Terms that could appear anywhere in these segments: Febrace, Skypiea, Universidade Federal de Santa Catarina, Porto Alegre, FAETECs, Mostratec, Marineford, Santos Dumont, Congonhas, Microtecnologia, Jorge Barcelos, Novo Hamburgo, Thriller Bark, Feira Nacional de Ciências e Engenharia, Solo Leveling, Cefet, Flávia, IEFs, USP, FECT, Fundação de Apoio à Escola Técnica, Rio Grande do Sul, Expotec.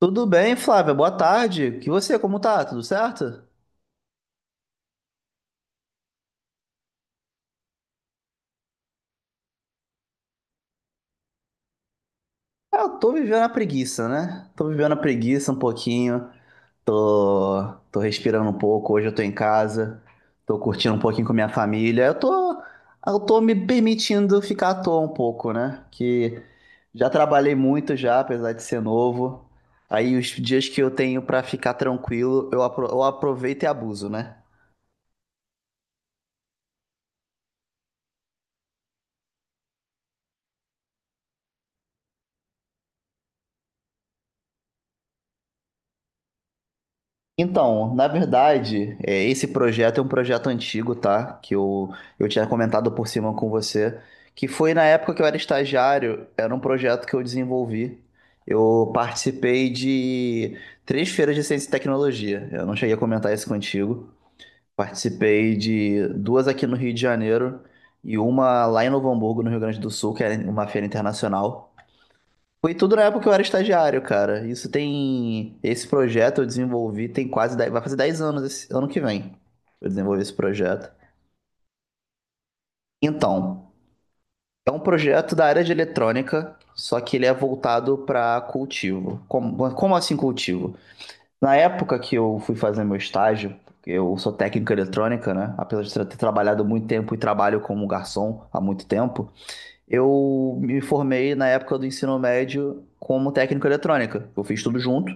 Tudo bem, Flávia? Boa tarde. E você, como tá? Tudo certo? Ah, eu tô vivendo a preguiça, né? Tô vivendo a preguiça um pouquinho. Tô respirando um pouco. Hoje eu tô em casa. Tô curtindo um pouquinho com minha família. Eu tô me permitindo ficar à toa um pouco, né? Que já trabalhei muito já, apesar de ser novo. Aí os dias que eu tenho pra ficar tranquilo, eu aproveito e abuso, né? Então, na verdade, esse projeto é um projeto antigo, tá? Que eu tinha comentado por cima com você, que foi na época que eu era estagiário, era um projeto que eu desenvolvi. Eu participei de três feiras de ciência e tecnologia. Eu não cheguei a comentar isso contigo. Participei de duas aqui no Rio de Janeiro e uma lá em Novo Hamburgo, no Rio Grande do Sul, que era uma feira internacional. Foi tudo na época que eu era estagiário, cara. Isso tem. Esse projeto eu desenvolvi tem quase 10, vai fazer 10 anos esse ano que vem. Eu desenvolvi esse projeto. Então, é um projeto da área de eletrônica, só que ele é voltado para cultivo. Como assim cultivo? Na época que eu fui fazer meu estágio, eu sou técnico em eletrônica, né? Apesar de ter trabalhado muito tempo e trabalho como garçom há muito tempo, eu me formei na época do ensino médio como técnico em eletrônica. Eu fiz tudo junto.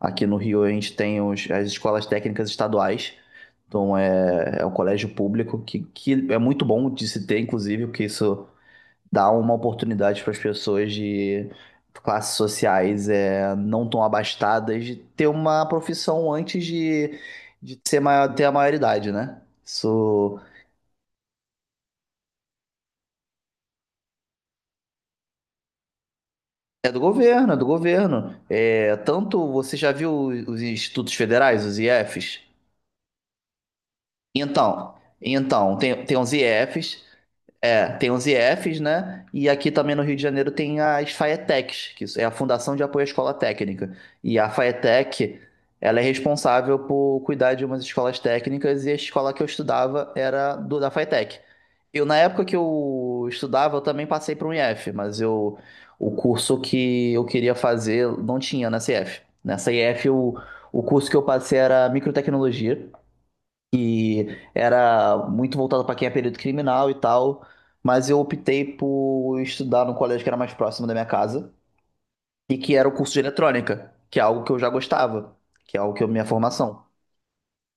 Aqui no Rio a gente tem as escolas técnicas estaduais. Então é um colégio público que é muito bom de se ter, inclusive, porque isso dá uma oportunidade para as pessoas de classes sociais não tão abastadas de ter uma profissão antes de ser maior, ter a maioridade, né? Isso é do governo, é do governo. É, tanto você já viu os institutos federais, os IEFs? Então, tem os IEFs tem os IEFs, né? E aqui também no Rio de Janeiro tem as FAETECs, que isso é a Fundação de Apoio à Escola Técnica. E a FAETEC, ela é responsável por cuidar de umas escolas técnicas e a escola que eu estudava era do, da FAETEC. Eu, na época que eu estudava, eu também passei para um IF, mas eu, o curso que eu queria fazer não tinha nessa IF. Nessa IF, o curso que eu passei era Microtecnologia, que era muito voltado para quem é período criminal e tal, mas eu optei por estudar num colégio que era mais próximo da minha casa e que era o curso de eletrônica, que é algo que eu já gostava, que é algo que é a minha formação.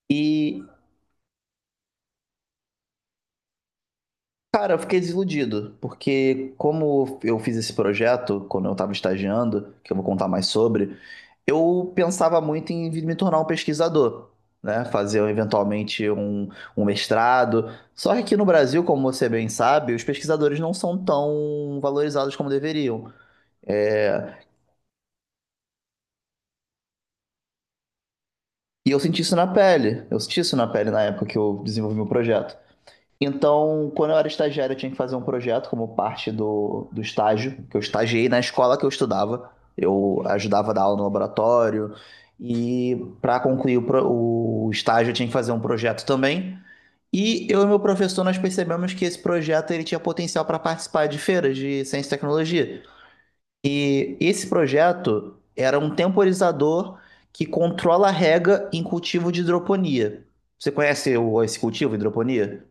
E cara, eu fiquei desiludido, porque como eu fiz esse projeto quando eu estava estagiando, que eu vou contar mais sobre, eu pensava muito em vir me tornar um pesquisador, né? Fazer eventualmente um mestrado. Só que aqui no Brasil, como você bem sabe, os pesquisadores não são tão valorizados como deveriam. É, e eu senti isso na pele, eu senti isso na pele na época que eu desenvolvi meu projeto. Então, quando eu era estagiário, eu tinha que fazer um projeto como parte do estágio, que eu estagiei na escola que eu estudava. Eu ajudava a dar aula no laboratório. E para concluir o estágio, eu tinha que fazer um projeto também. E eu e meu professor, nós percebemos que esse projeto ele tinha potencial para participar de feiras de ciência e tecnologia. E esse projeto era um temporizador que controla a rega em cultivo de hidroponia. Você conhece esse cultivo, hidroponia?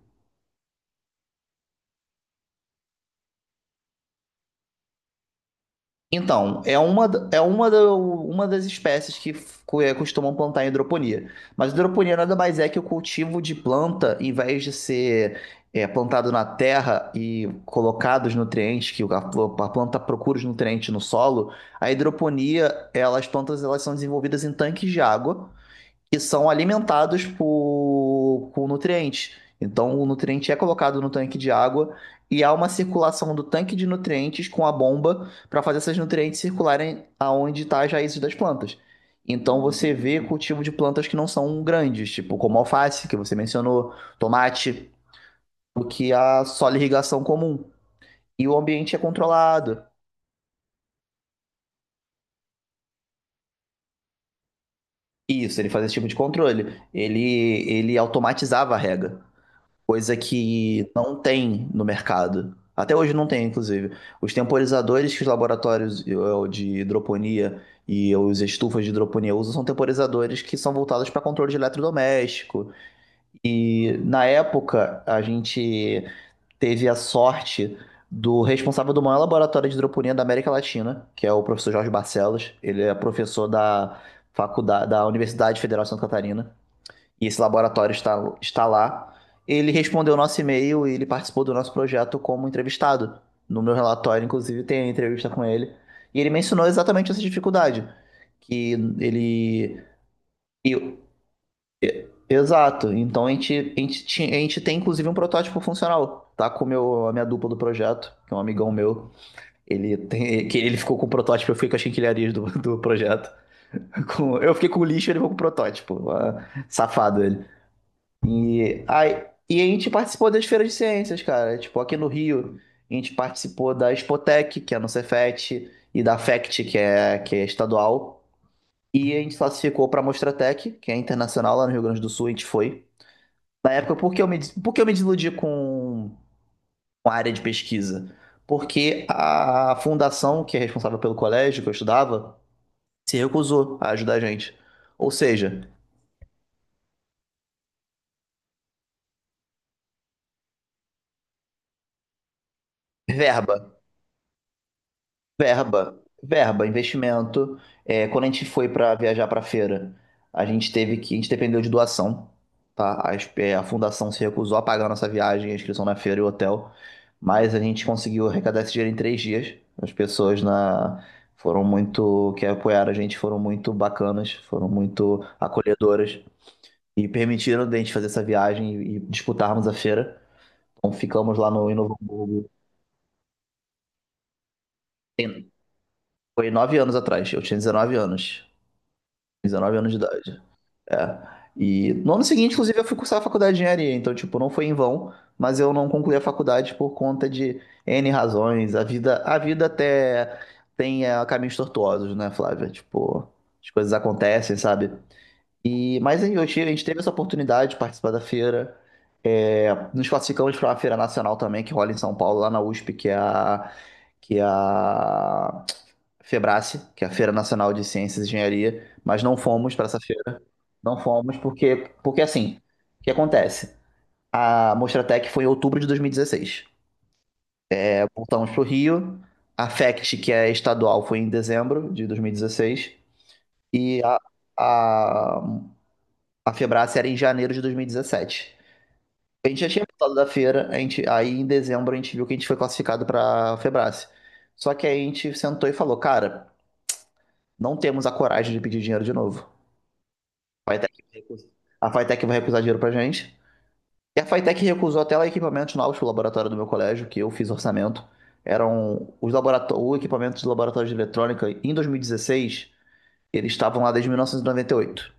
Então, uma das espécies que costumam plantar em hidroponia. Mas hidroponia nada mais é que o cultivo de planta, em vez de ser plantado na terra e colocado os nutrientes, que a planta procura os nutrientes no solo, a hidroponia, ela, as plantas elas são desenvolvidas em tanques de água, que são alimentados por nutrientes. Então, o nutriente é colocado no tanque de água e há uma circulação do tanque de nutrientes com a bomba para fazer esses nutrientes circularem aonde está as raízes das plantas. Então, você vê cultivo de plantas que não são grandes, tipo como alface, que você mencionou, tomate, do que a só irrigação comum. E o ambiente é controlado. Isso, ele fazia esse tipo de controle. Ele automatizava a rega. Coisa que não tem no mercado. Até hoje não tem, inclusive. Os temporizadores que os laboratórios de hidroponia e os estufas de hidroponia usam são temporizadores que são voltados para controle de eletrodoméstico. E na época a gente teve a sorte do responsável do maior laboratório de hidroponia da América Latina, que é o professor Jorge Barcelos. Ele é professor da faculdade da Universidade Federal de Santa Catarina e esse laboratório está lá. Ele respondeu o nosso e-mail e ele participou do nosso projeto como entrevistado. No meu relatório, inclusive, tem a entrevista com ele. E ele mencionou exatamente essa dificuldade. Que ele. e- Exato. Então a gente tem, inclusive, um protótipo funcional. Tá com meu, a minha dupla do projeto, que é um amigão meu. Ele tem, que ele ficou com o protótipo, eu fiquei com as quinquilharias do projeto. Eu fiquei com o lixo, ele ficou com o protótipo. Ah, safado ele. E aí, e a gente participou das feiras de ciências, cara. Tipo, aqui no Rio, a gente participou da Expotec, que é no Cefet, e da FECT, que é estadual. E a gente classificou para a Mostratec, que é internacional lá no Rio Grande do Sul, a gente foi. Na época, por que eu me desiludi com a área de pesquisa? Porque a fundação, que é responsável pelo colégio que eu estudava, se recusou a ajudar a gente. Ou seja, verba. Verba, verba, investimento. É, quando a gente foi para viajar para feira, a gente dependeu de doação, tá? A fundação se recusou a pagar a nossa viagem, a inscrição na feira e o hotel, mas a gente conseguiu arrecadar esse dinheiro em 3 dias. As pessoas na foram muito que apoiaram a gente, foram muito bacanas, foram muito acolhedoras e permitiram a gente fazer essa viagem e disputarmos a feira. Então ficamos lá no em Novo Hamburgo. Foi 9 anos atrás, eu tinha 19 anos. 19 anos de idade. É. E no ano seguinte, inclusive, eu fui cursar a faculdade de engenharia, então, tipo, não foi em vão, mas eu não concluí a faculdade por conta de N razões. A vida até tem caminhos tortuosos, né, Flávia? Tipo, as coisas acontecem, sabe? E, mas aí a gente teve essa oportunidade de participar da feira. É, nos classificamos para uma feira nacional também, que rola em São Paulo, lá na USP, que é a Febrace, que é a Feira Nacional de Ciências e Engenharia, mas não fomos para essa feira. Não fomos porque assim, o que acontece? A Mostratec foi em outubro de 2016. É, voltamos para o Rio. A FECT, que é estadual, foi em dezembro de 2016. E a, a Febrace era em janeiro de 2017. A gente já tinha voltado da feira, a gente, aí em dezembro a gente viu que a gente foi classificado para a Febrace. Só que aí a gente sentou e falou, cara, não temos a coragem de pedir dinheiro de novo. A Fitec vai recusar, a Fitec vai recusar dinheiro pra gente. E a Fitec recusou até lá equipamentos novos pro laboratório do meu colégio, que eu fiz orçamento. Eram o equipamento do laboratório de eletrônica em 2016, eles estavam lá desde 1998.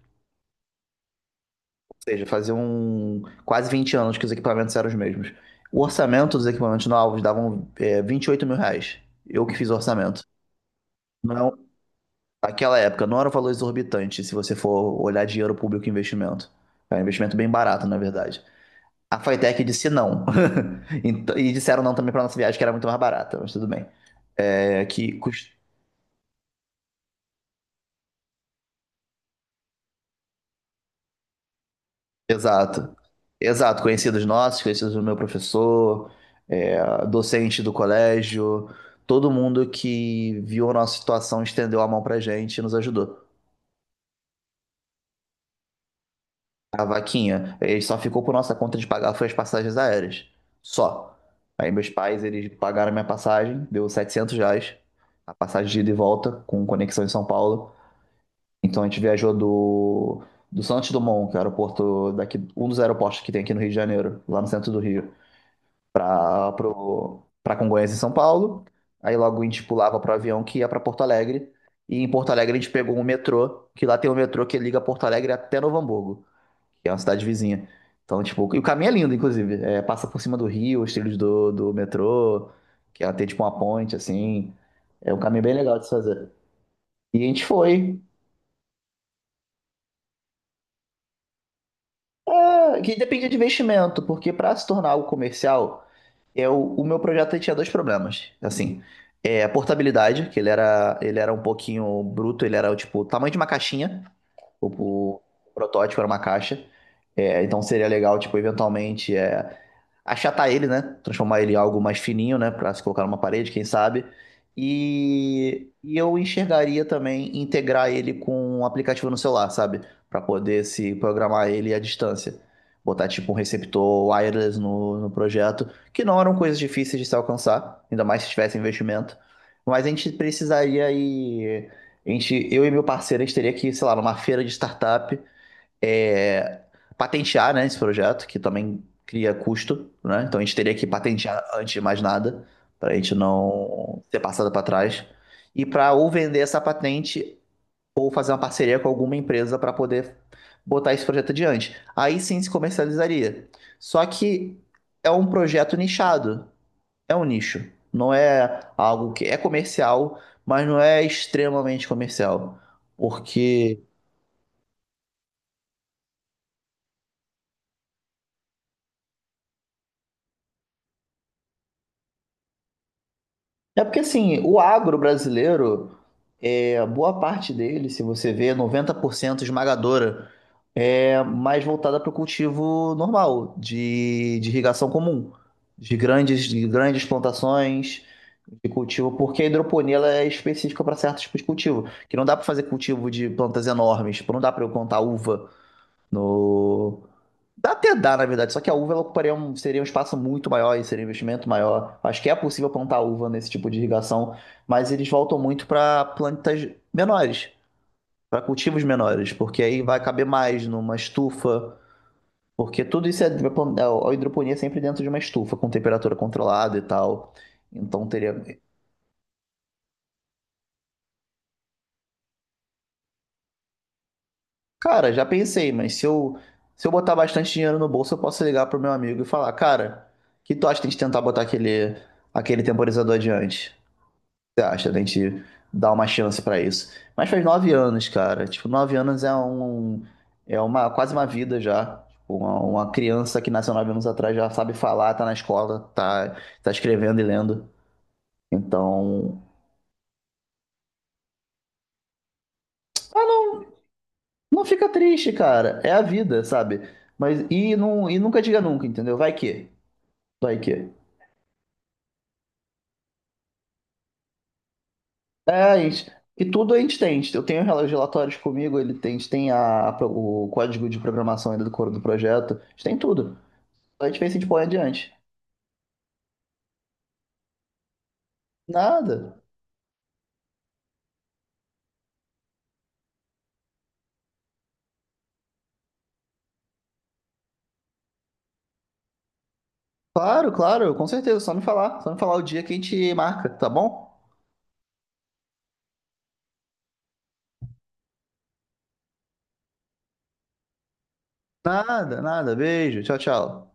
Ou seja, faziam quase 20 anos que os equipamentos eram os mesmos. O orçamento dos equipamentos novos davam 28 mil reais. Eu que fiz o orçamento. Não, naquela época, não era um valor exorbitante se você for olhar dinheiro público e investimento. É um investimento bem barato, na verdade. A Flytech disse não. E disseram não também para nossa viagem, que era muito mais barata, mas tudo bem. É, que cust... Exato. Exato, conhecidos nossos, conhecidos do meu professor, docente do colégio, todo mundo que viu a nossa situação estendeu a mão pra gente e nos ajudou. A vaquinha, ele só ficou por nossa conta de pagar foi as passagens aéreas. Só. Aí meus pais, eles pagaram minha passagem, deu R$ 700, a passagem de ida e volta, com conexão em São Paulo. Então a gente viajou do Santos Dumont, que é o aeroporto daqui, um dos aeroportos que tem aqui no Rio de Janeiro, lá no centro do Rio, para para Congonhas em São Paulo. Aí logo a gente pulava para o avião que ia para Porto Alegre. E em Porto Alegre a gente pegou um metrô, que lá tem um metrô que liga Porto Alegre até Novo Hamburgo, que é uma cidade vizinha. Então, tipo, e o caminho é lindo, inclusive. É, passa por cima do rio, os trilhos do metrô, que ela tem tipo uma ponte, assim. É um caminho bem legal de se fazer. E a gente foi. É, que depende de investimento, porque para se tornar algo comercial, eu, o meu projeto tinha dois problemas. Assim, é a portabilidade, que ele era um pouquinho bruto, ele era tipo o tamanho de uma caixinha. O, o protótipo era uma caixa. É, então seria legal, tipo, eventualmente é, achatar ele, né? Transformar ele em algo mais fininho, né? Pra se colocar numa parede, quem sabe. E eu enxergaria também integrar ele com um aplicativo no celular, sabe? Pra poder se programar ele à distância. Botar tipo um receptor wireless no projeto, que não eram coisas difíceis de se alcançar, ainda mais se tivesse investimento. Mas a gente, eu e meu parceiro, a gente teria que, sei lá, numa feira de startup, é, patentear, né, esse projeto, que também cria custo, né? Então a gente teria que patentear antes de mais nada, para a gente não ser passado para trás. E para ou vender essa patente ou fazer uma parceria com alguma empresa para poder botar esse projeto adiante. Aí sim se comercializaria. Só que é um projeto nichado. É um nicho. Não é algo que é comercial, mas não é extremamente comercial. Porque. É porque assim, o agro brasileiro, é, boa parte dele, se você vê, 90% esmagadora, é mais voltada para o cultivo normal, de irrigação comum, de grandes plantações de cultivo, porque a hidroponia ela é específica para certos tipos de cultivo, que não dá para fazer cultivo de plantas enormes, tipo, não dá para eu plantar uva no, Dá até dá, na verdade, só que a uva ela ocuparia um, seria um espaço muito maior e seria um investimento maior. Acho que é possível plantar uva nesse tipo de irrigação, mas eles voltam muito para plantas menores, para cultivos menores, porque aí vai caber mais numa estufa, porque tudo isso é a hidroponia é sempre dentro de uma estufa com temperatura controlada e tal. Então teria, cara, já pensei, mas se eu botar bastante dinheiro no bolso, eu posso ligar pro meu amigo e falar, cara, que tu acha que a gente tentar botar aquele temporizador adiante? Você acha da gente dar uma chance pra isso? Mas faz 9 anos, cara. Tipo, 9 anos é uma quase uma vida já. Tipo, uma criança que nasceu 9 anos atrás já sabe falar, tá na escola, tá, tá escrevendo e lendo. Então, ah, não, não fica triste, cara. É a vida, sabe? Mas e não, e nunca diga nunca, entendeu? Vai que, vai que. É, a gente, e tudo a gente tem. Eu tenho os relatórios comigo, ele tem, a gente tem a, o código de programação ainda do coro do projeto. A gente tem tudo. A gente diferença de pôr adiante. Nada. Claro, claro, com certeza. Só me falar o dia que a gente marca, tá bom? Nada, nada. Beijo. Tchau, tchau.